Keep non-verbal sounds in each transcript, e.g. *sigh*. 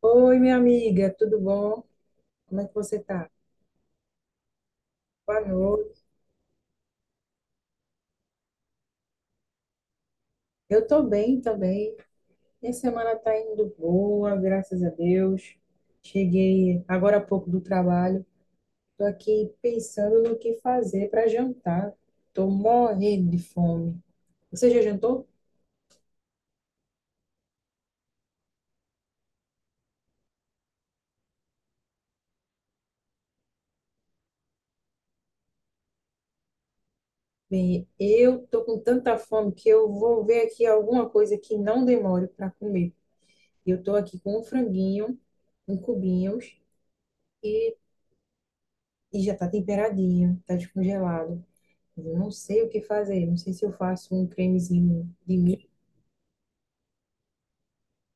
Oi, minha amiga, tudo bom? Como é que você tá? Boa noite. Eu tô bem também. Minha semana tá indo boa, graças a Deus. Cheguei agora há pouco do trabalho. Tô aqui pensando no que fazer para jantar. Tô morrendo de fome. Você já jantou? Bem, eu tô com tanta fome que eu vou ver aqui alguma coisa que não demore para comer. Eu tô aqui com um franguinho, em cubinhos e, e já tá temperadinho, tá descongelado. Eu não sei o que fazer, não sei se eu faço um cremezinho de milho.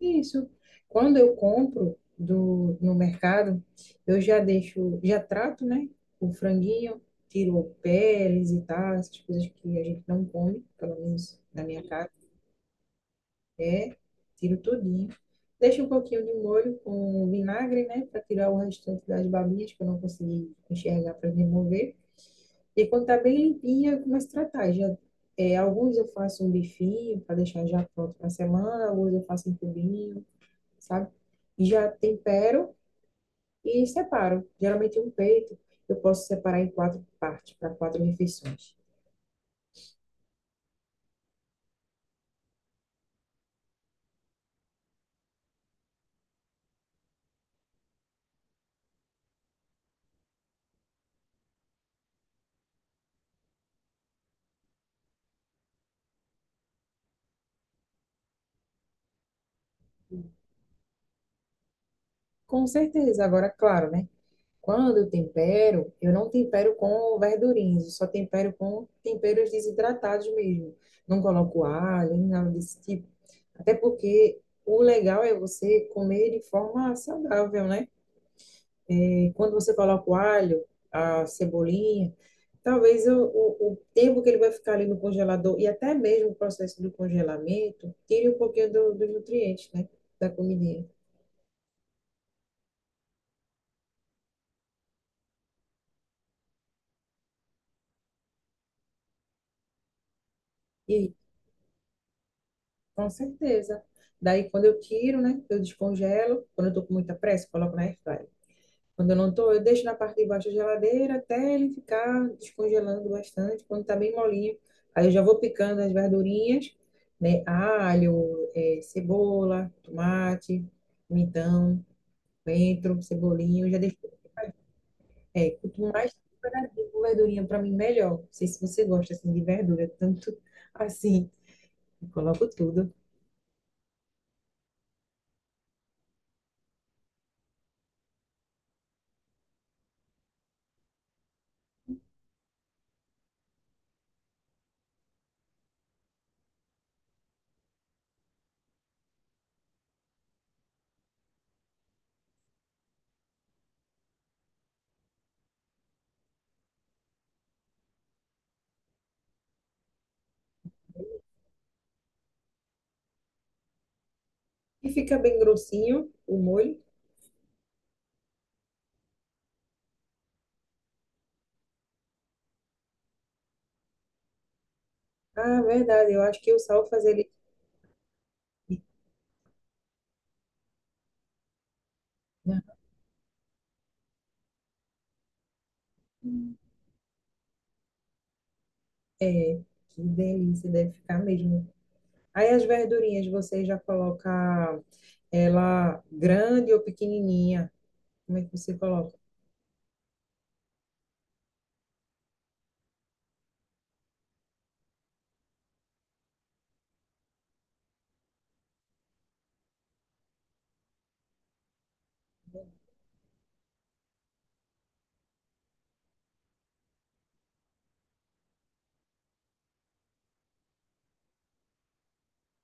Isso. Quando eu compro no mercado, eu já deixo, já trato, né? O franguinho, tiro a peles e tal, essas coisas que a gente não come, pelo menos na minha casa, é, tiro tudinho. Deixo um pouquinho de molho com vinagre, né? Para tirar o restante das babinhas que eu não consegui enxergar para remover. E quando tá bem limpinha, eu começo a tratar. Já, é, alguns eu faço um bifinho para deixar já pronto para semana, alguns eu faço em cubinho, sabe? E já tempero e separo. Geralmente um peito eu posso separar em quatro partes, para quatro refeições. Com certeza, agora, claro, né? Quando eu tempero, eu não tempero com verdurinhas, eu só tempero com temperos desidratados mesmo. Não coloco alho, nem nada desse tipo. Até porque o legal é você comer de forma saudável, né? E quando você coloca o alho, a cebolinha, talvez o tempo que ele vai ficar ali no congelador e até mesmo o processo do congelamento tire um pouquinho do- dos nutrientes, né? Da comidinha. E Com certeza. Daí, quando eu tiro, né, eu descongelo. Quando eu tô com muita pressa, eu coloco na airfryer. Quando eu não tô, eu deixo na parte de baixo da geladeira até ele ficar descongelando bastante. Quando tá bem molinho, aí eu já vou picando as verdurinhas, né, alho, cebola, tomate, pimentão, coentro, cebolinho. Eu já deixo, é, quanto mais temperadinho com verdurinha, pra mim, melhor. Não sei se você gosta, assim, de verdura, tanto *laughs* assim. Eu coloco tudo. E fica bem grossinho o molho. Ah, verdade. Eu acho que o sal salsas, ele... Ah, que delícia, deve ficar mesmo. Aí as verdurinhas, você já coloca ela grande ou pequenininha? Como é que você coloca?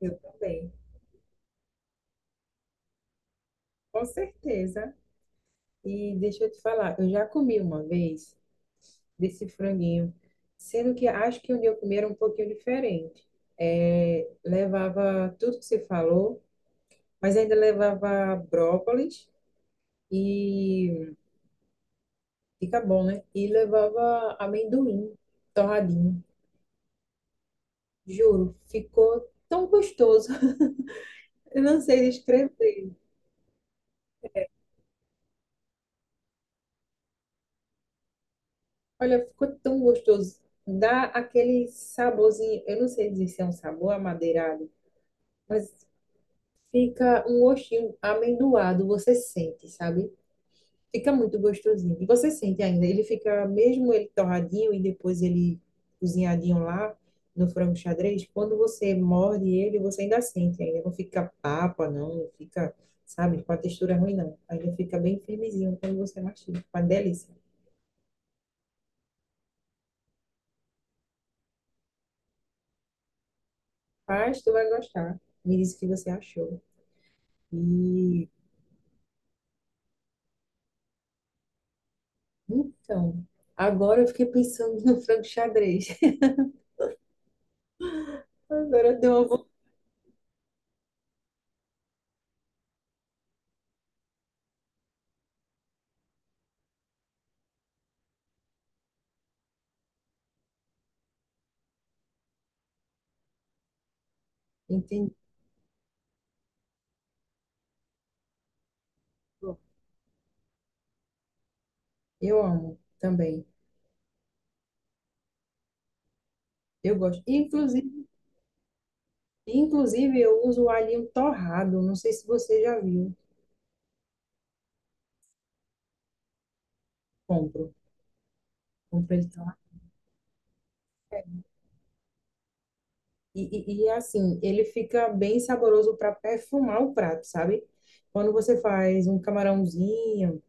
Eu também, com certeza. E deixa eu te falar, eu já comi uma vez desse franguinho, sendo que acho que onde eu comi era um pouquinho diferente. É, levava tudo que você falou, mas ainda levava brócolis e fica bom, né? E levava amendoim torradinho. Juro, ficou tão gostoso. *laughs* Eu não sei descrever. Olha, ficou tão gostoso. Dá aquele saborzinho. Eu não sei dizer se é um sabor amadeirado, mas fica um gostinho amendoado. Você sente, sabe? Fica muito gostosinho. E você sente ainda, ele fica, mesmo ele torradinho e depois ele cozinhadinho lá no frango xadrez, quando você morde ele, você ainda sente ainda. Não fica papa, não, não fica, sabe, com a textura ruim, não. Ainda fica bem firmezinho quando você mastiga. Uma delícia. Mas tu vai gostar. Me disse o que você achou. E então, agora eu fiquei pensando no frango xadrez. *laughs* Agora deu uma... vo- Entendi. Eu amo também. Eu gosto. Inclusive, eu uso o alho torrado, não sei se você já viu. Compro, compro ele torrado. E, assim, ele fica bem saboroso para perfumar o prato, sabe? Quando você faz um camarãozinho,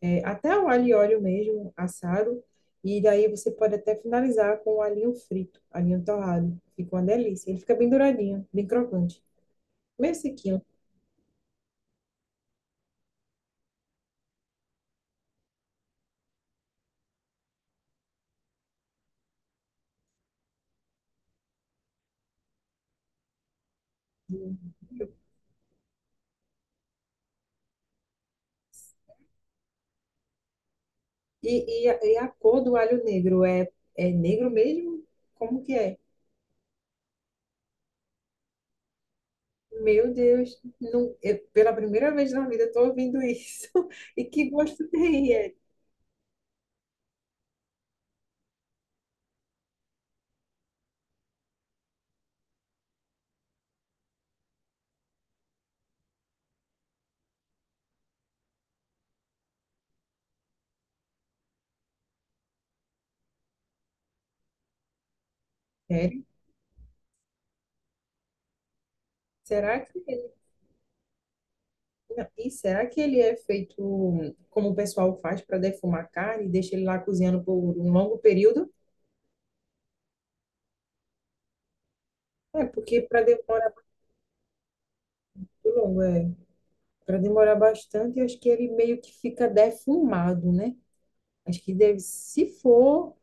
é, até o alho e óleo mesmo, assado, e daí você pode até finalizar com o alhinho frito, alhinho torrado. Fica uma delícia. Ele fica bem douradinho, bem crocante, meio sequinho. E a cor do alho negro é, é negro mesmo? Como que é? Meu Deus, não, eu- pela primeira vez na vida eu tô ouvindo isso. *laughs* E que gosto tem? É, sério? Será que ele, não, e será que ele é feito como o pessoal faz para defumar carne e deixa ele lá cozinhando por um longo período? É, porque para demorar muito longo, é, para demorar bastante, eu acho que ele meio que fica defumado, né? Acho que deve, se for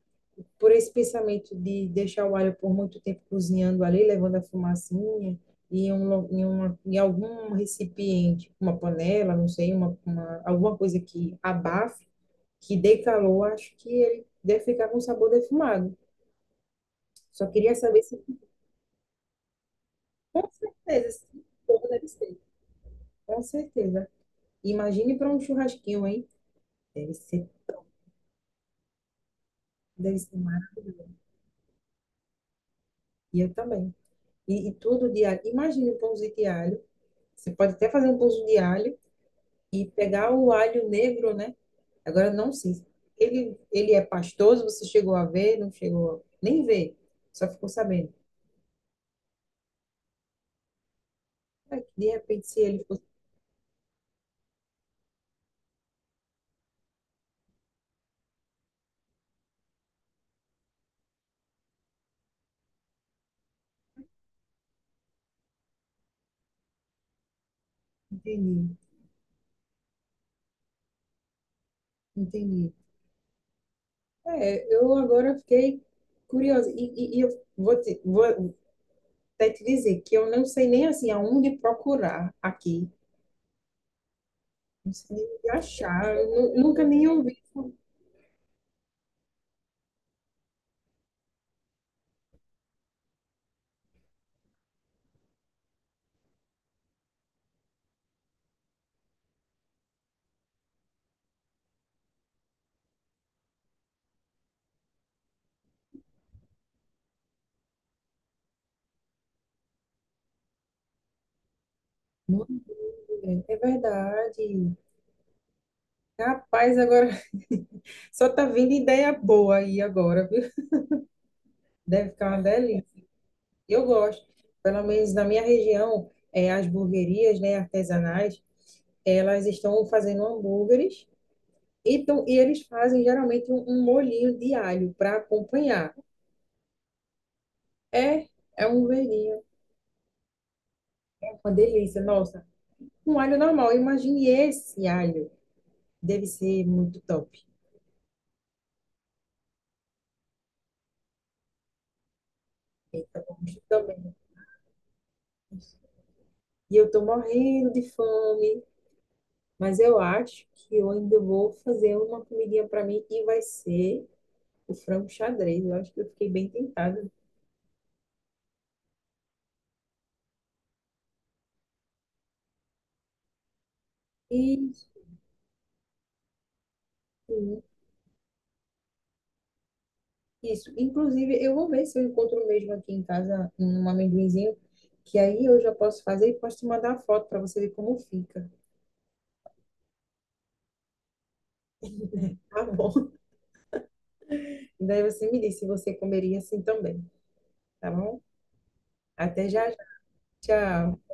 por esse pensamento de deixar o alho por muito tempo cozinhando ali, levando a fumacinha, em algum recipiente, uma panela, não sei, alguma coisa que abafe, que dê calor, acho que ele deve ficar com sabor defumado. Só queria saber se, com certeza, se for, deve ser. Com certeza. Imagine para um churrasquinho, hein? Deve ser, deve ser maravilha. E eu também. E tudo de alho. Imagine um pãozinho de alho. Você pode até fazer um pãozinho de alho e pegar o alho negro, né? Agora não sei. Ele é pastoso, você chegou a ver, não chegou, a- nem ver, só ficou sabendo. Ah, de repente, se ele fosse. Entendi, entendi. É, eu agora fiquei curiosa. Eu vou até te dizer que eu não sei nem assim aonde procurar aqui. Não sei nem onde achar. Eu nu- nunca nem ouvi. Não, é é verdade. Rapaz, agora *laughs* só tá vindo ideia boa aí agora, viu? Deve ficar uma delícia. Eu gosto. Pelo menos na minha região, as hamburguerias, né, artesanais, elas estão fazendo hambúrgueres e, tão- e eles fazem geralmente um molhinho de alho para acompanhar. É, é um verninho, é uma delícia. Nossa, um alho normal. Imagine esse alho. Deve ser muito top. Então, eu também. E eu tô morrendo de fome, mas eu acho que eu ainda vou fazer uma comidinha para mim e vai ser o frango xadrez. Eu acho que eu fiquei bem tentada. Isso, isso. Inclusive, eu vou ver se eu encontro mesmo aqui em casa um amendoinzinho, que aí eu já posso fazer e posso te mandar a foto para você ver como fica. Tá bom? *laughs* Daí você me diz se você comeria assim também, tá bom? Até já, já. Tchau.